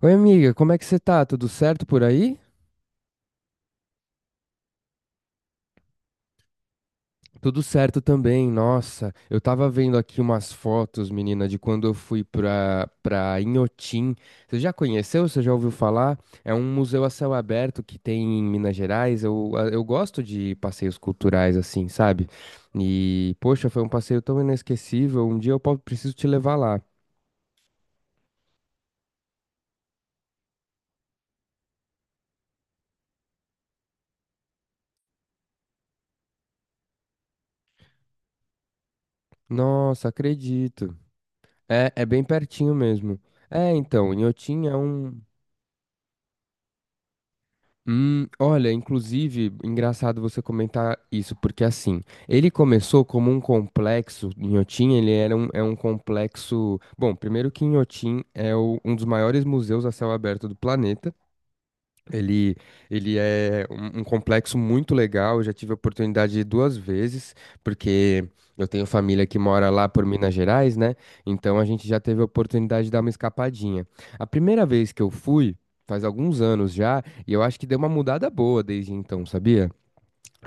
Oi, amiga, como é que você tá? Tudo certo por aí? Tudo certo também, nossa. Eu tava vendo aqui umas fotos, menina, de quando eu fui pra Inhotim. Você já conheceu? Você já ouviu falar? É um museu a céu aberto que tem em Minas Gerais. Eu, eu gosto de passeios culturais assim, sabe? E, poxa, foi um passeio tão inesquecível. Um dia eu preciso te levar lá. Nossa, acredito. É, é bem pertinho mesmo. É, então, Inhotim é um. Olha, inclusive, engraçado você comentar isso, porque assim, ele começou como um complexo, Inhotim, é um complexo. Bom, primeiro que Inhotim é um dos maiores museus a céu aberto do planeta, ele, ele é um complexo muito legal. Eu já tive a oportunidade de ir 2 vezes, porque eu tenho família que mora lá por Minas Gerais, né? Então a gente já teve a oportunidade de dar uma escapadinha. A primeira vez que eu fui, faz alguns anos já, e eu acho que deu uma mudada boa desde então, sabia?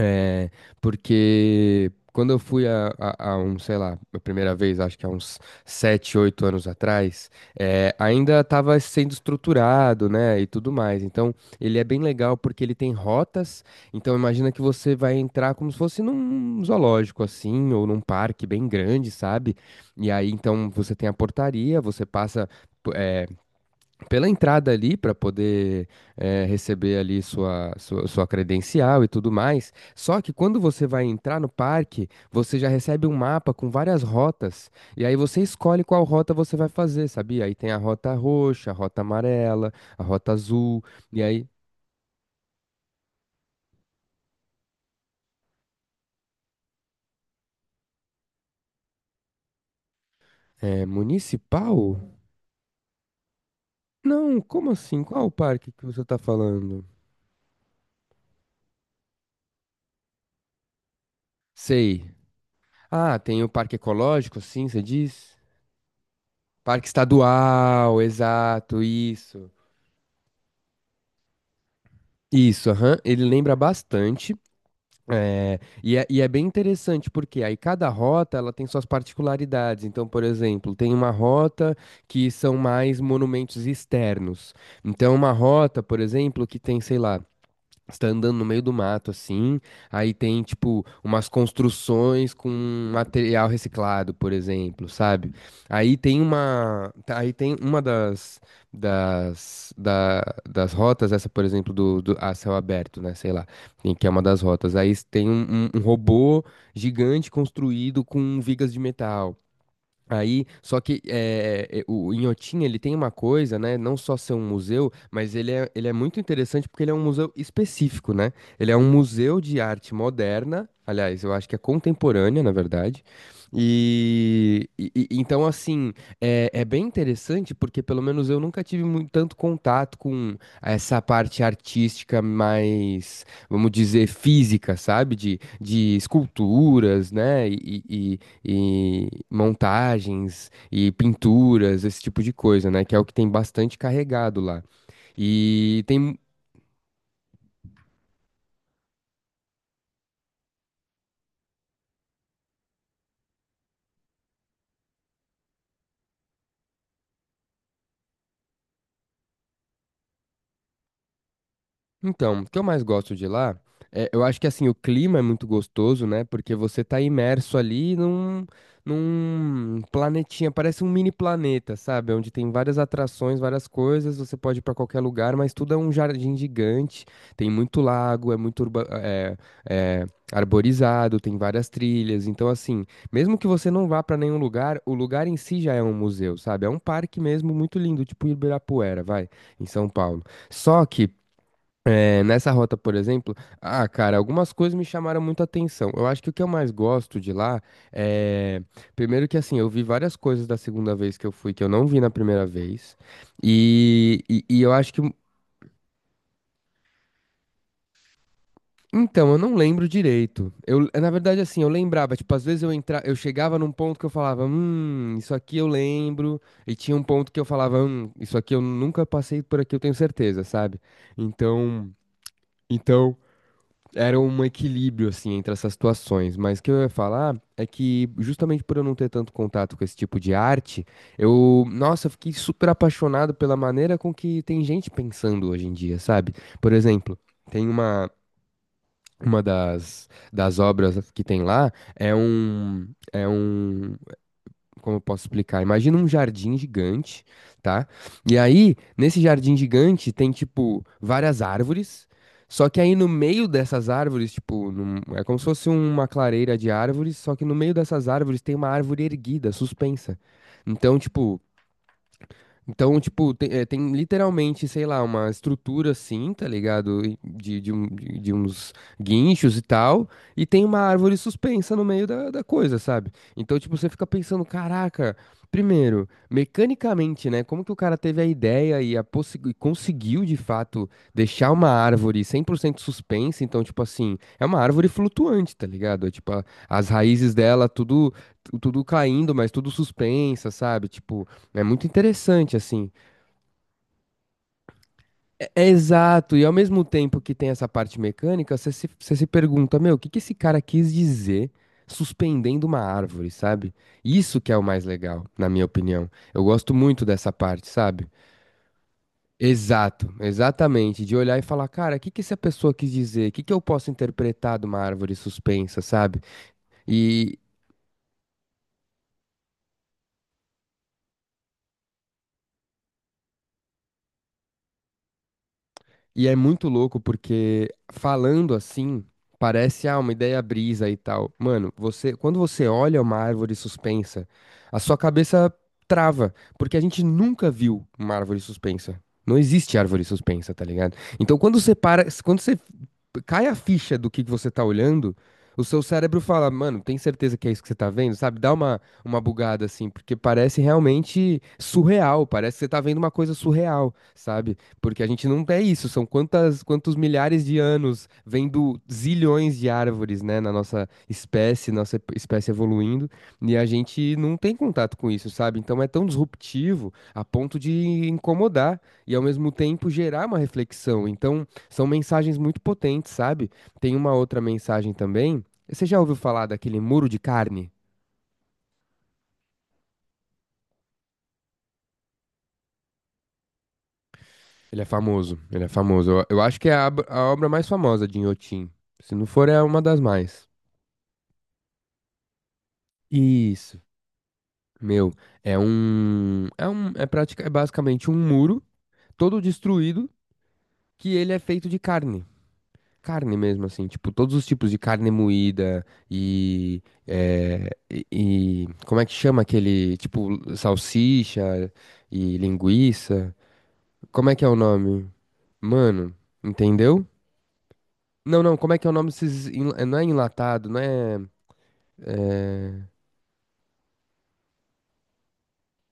É, porque quando eu fui a um, sei lá, a primeira vez, acho que há uns 7 8 anos atrás, é, ainda estava sendo estruturado, né, e tudo mais. Então, ele é bem legal porque ele tem rotas. Então, imagina que você vai entrar como se fosse num zoológico, assim, ou num parque bem grande, sabe? E aí, então, você tem a portaria, você passa pela entrada ali para poder receber ali sua credencial e tudo mais. Só que quando você vai entrar no parque, você já recebe um mapa com várias rotas e aí você escolhe qual rota você vai fazer, sabia? Aí tem a rota roxa, a rota amarela, a rota azul e aí é municipal? Não, como assim? Qual o parque que você está falando? Sei. Ah, tem o parque ecológico, sim, você diz? Parque estadual, exato, isso. Isso, aham, ele lembra bastante. É e é bem interessante porque aí cada rota ela tem suas particularidades. Então, por exemplo, tem uma rota que são mais monumentos externos. Então, uma rota, por exemplo, que tem, sei lá, você tá andando no meio do mato, assim, aí tem, tipo, umas construções com material reciclado, por exemplo, sabe? Aí tem uma das, das, da- das rotas, essa, por exemplo, do a céu aberto, né, sei lá, em que é uma das rotas. Aí tem um robô gigante construído com vigas de metal. Aí, só que o Inhotim, ele tem uma coisa, né? Não só ser um museu, mas ele é muito interessante porque ele é um museu específico, né? Ele é um museu de arte moderna, aliás, eu acho que é contemporânea, na verdade. Então, assim, é bem interessante porque pelo menos eu nunca tive muito, tanto contato com essa parte artística mais, vamos dizer, física, sabe? De esculturas, né? E montagens e pinturas, esse tipo de coisa, né? Que é o que tem bastante carregado lá. E tem Então, o que eu mais gosto de lá, é, eu acho que assim, o clima é muito gostoso, né? Porque você tá imerso ali num planetinha, parece um mini planeta, sabe? Onde tem várias atrações, várias coisas, você pode ir pra qualquer lugar, mas tudo é um jardim gigante, tem muito lago, é muito é, arborizado, tem várias trilhas. Então, assim, mesmo que você não vá pra nenhum lugar, o lugar em si já é um museu, sabe? É um parque mesmo muito lindo, tipo Ibirapuera, vai, em São Paulo. Só que nessa rota, por exemplo, ah, cara, algumas coisas me chamaram muito a atenção. Eu acho que o que eu mais gosto de lá é. Primeiro que assim, eu vi várias coisas da segunda vez que eu fui que eu não vi na primeira vez. E, e eu acho que. Então, eu não lembro direito. Eu, na verdade, assim, eu lembrava, tipo, às vezes eu entra, eu chegava num ponto que eu falava, isso aqui eu lembro. E tinha um ponto que eu falava, isso aqui eu nunca passei por aqui, eu tenho certeza, sabe? Então. Então. Era um equilíbrio, assim, entre essas situações. Mas o que eu ia falar é que, justamente por eu não ter tanto contato com esse tipo de arte, eu, nossa, eu fiquei super apaixonado pela maneira com que tem gente pensando hoje em dia, sabe? Por exemplo, tem uma, uma das obras que tem lá, é um, é um, como eu posso explicar? Imagina um jardim gigante, tá? E aí, nesse jardim gigante, tem, tipo, várias árvores. Só que aí no meio dessas árvores, tipo, é como se fosse uma clareira de árvores, só que no meio dessas árvores tem uma árvore erguida, suspensa. Então, tipo, então, tipo, tem, é, tem literalmente, sei lá, uma estrutura assim, tá ligado? E de uns guinchos e tal, e tem uma árvore suspensa no meio da coisa, sabe? Então, tipo, você fica pensando, caraca, primeiro, mecanicamente, né? Como que o cara teve a ideia e conseguiu, de fato, deixar uma árvore 100% suspensa? Então, tipo assim, é uma árvore flutuante, tá ligado? É, tipo, as raízes dela, tudo, tudo caindo, mas tudo suspensa, sabe? Tipo. É muito interessante, assim. É, é exato, e ao mesmo tempo que tem essa parte mecânica, você se pergunta, meu, o que que esse cara quis dizer suspendendo uma árvore, sabe? Isso que é o mais legal, na minha opinião. Eu gosto muito dessa parte, sabe? Exato, exatamente. De olhar e falar, cara, o que que essa pessoa quis dizer? O que que eu posso interpretar de uma árvore suspensa, sabe? E é muito louco porque falando assim, parece uma ideia brisa e tal. Mano, você, quando você olha uma árvore suspensa, a sua cabeça trava, porque a gente nunca viu uma árvore suspensa. Não existe árvore suspensa, tá ligado? Então quando você para, quando você cai a ficha do que você tá olhando, o seu cérebro fala, mano, tem certeza que é isso que você tá vendo? Sabe? Dá uma bugada assim, porque parece realmente surreal, parece que você tá vendo uma coisa surreal, sabe? Porque a gente não é isso, são quantas, quantos milhares de anos vendo zilhões de árvores, né, na nossa espécie, nossa espécie evoluindo, e a gente não tem contato com isso, sabe? Então é tão disruptivo a ponto de incomodar e ao mesmo tempo gerar uma reflexão. Então são mensagens muito potentes, sabe? Tem uma outra mensagem também. Você já ouviu falar daquele muro de carne? Ele é famoso, ele é famoso. Eu acho que é a obra mais famosa de Inhotim. Se não for, é uma das mais. Isso. Meu, é basicamente um muro todo destruído que ele é feito de carne. Carne mesmo, assim, tipo, todos os tipos de carne moída e, é, e, como é que chama aquele, tipo, salsicha e linguiça? Como é que é o nome? Mano, entendeu? Não, não, como é que é o nome desses, não é enlatado, não é, é,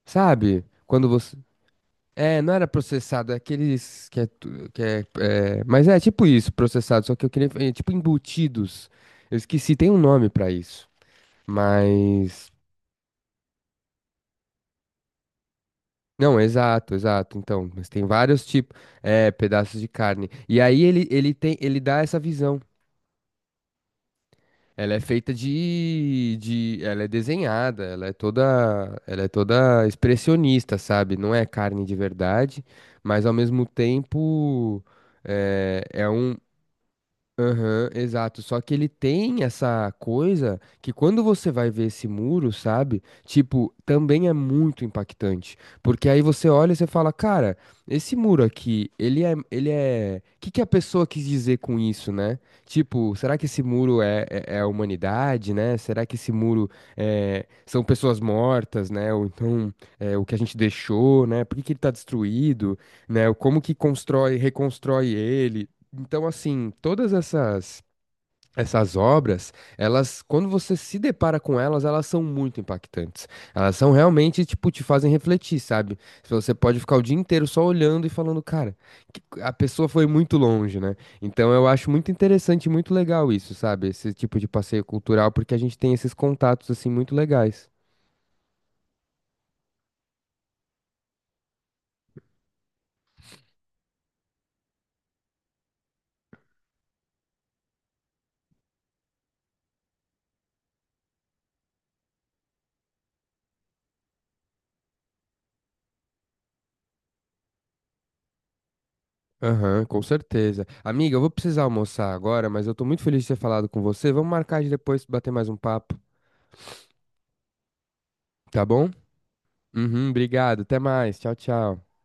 sabe? Quando você É, não era processado, é aqueles que é, que é, é, mas é tipo isso, processado, só que eu queria, é, tipo embutidos. Eu esqueci, tem um nome pra isso. Mas não, exato, exato. Então, mas tem vários tipos, é, pedaços de carne. E aí ele tem, ele dá essa visão. Ela é feita ela é desenhada, ela é toda expressionista, sabe? Não é carne de verdade, mas ao mesmo tempo é, é um, Aham, exato. Só que ele tem essa coisa que quando você vai ver esse muro, sabe? Tipo, também é muito impactante. Porque aí você olha e você fala, cara, esse muro aqui, ele é... O que que a pessoa quis dizer com isso, né? Tipo, será que esse muro é a humanidade, né? Será que esse muro é, são pessoas mortas, né? Ou então é, o que a gente deixou, né? Por que que ele tá destruído, né? Como que constrói, reconstrói ele? Então, assim, todas essas obras, elas, quando você se depara com elas, elas são muito impactantes. Elas são realmente, tipo, te fazem refletir, sabe? Se você pode ficar o dia inteiro só olhando e falando, cara, que a pessoa foi muito longe, né? Então, eu acho muito interessante e muito legal isso, sabe? Esse tipo de passeio cultural, porque a gente tem esses contatos, assim, muito legais. Aham, com certeza. Amiga, eu vou precisar almoçar agora, mas eu tô muito feliz de ter falado com você. Vamos marcar de depois bater mais um papo, tá bom? Uhum, obrigado. Até mais. Tchau, tchau.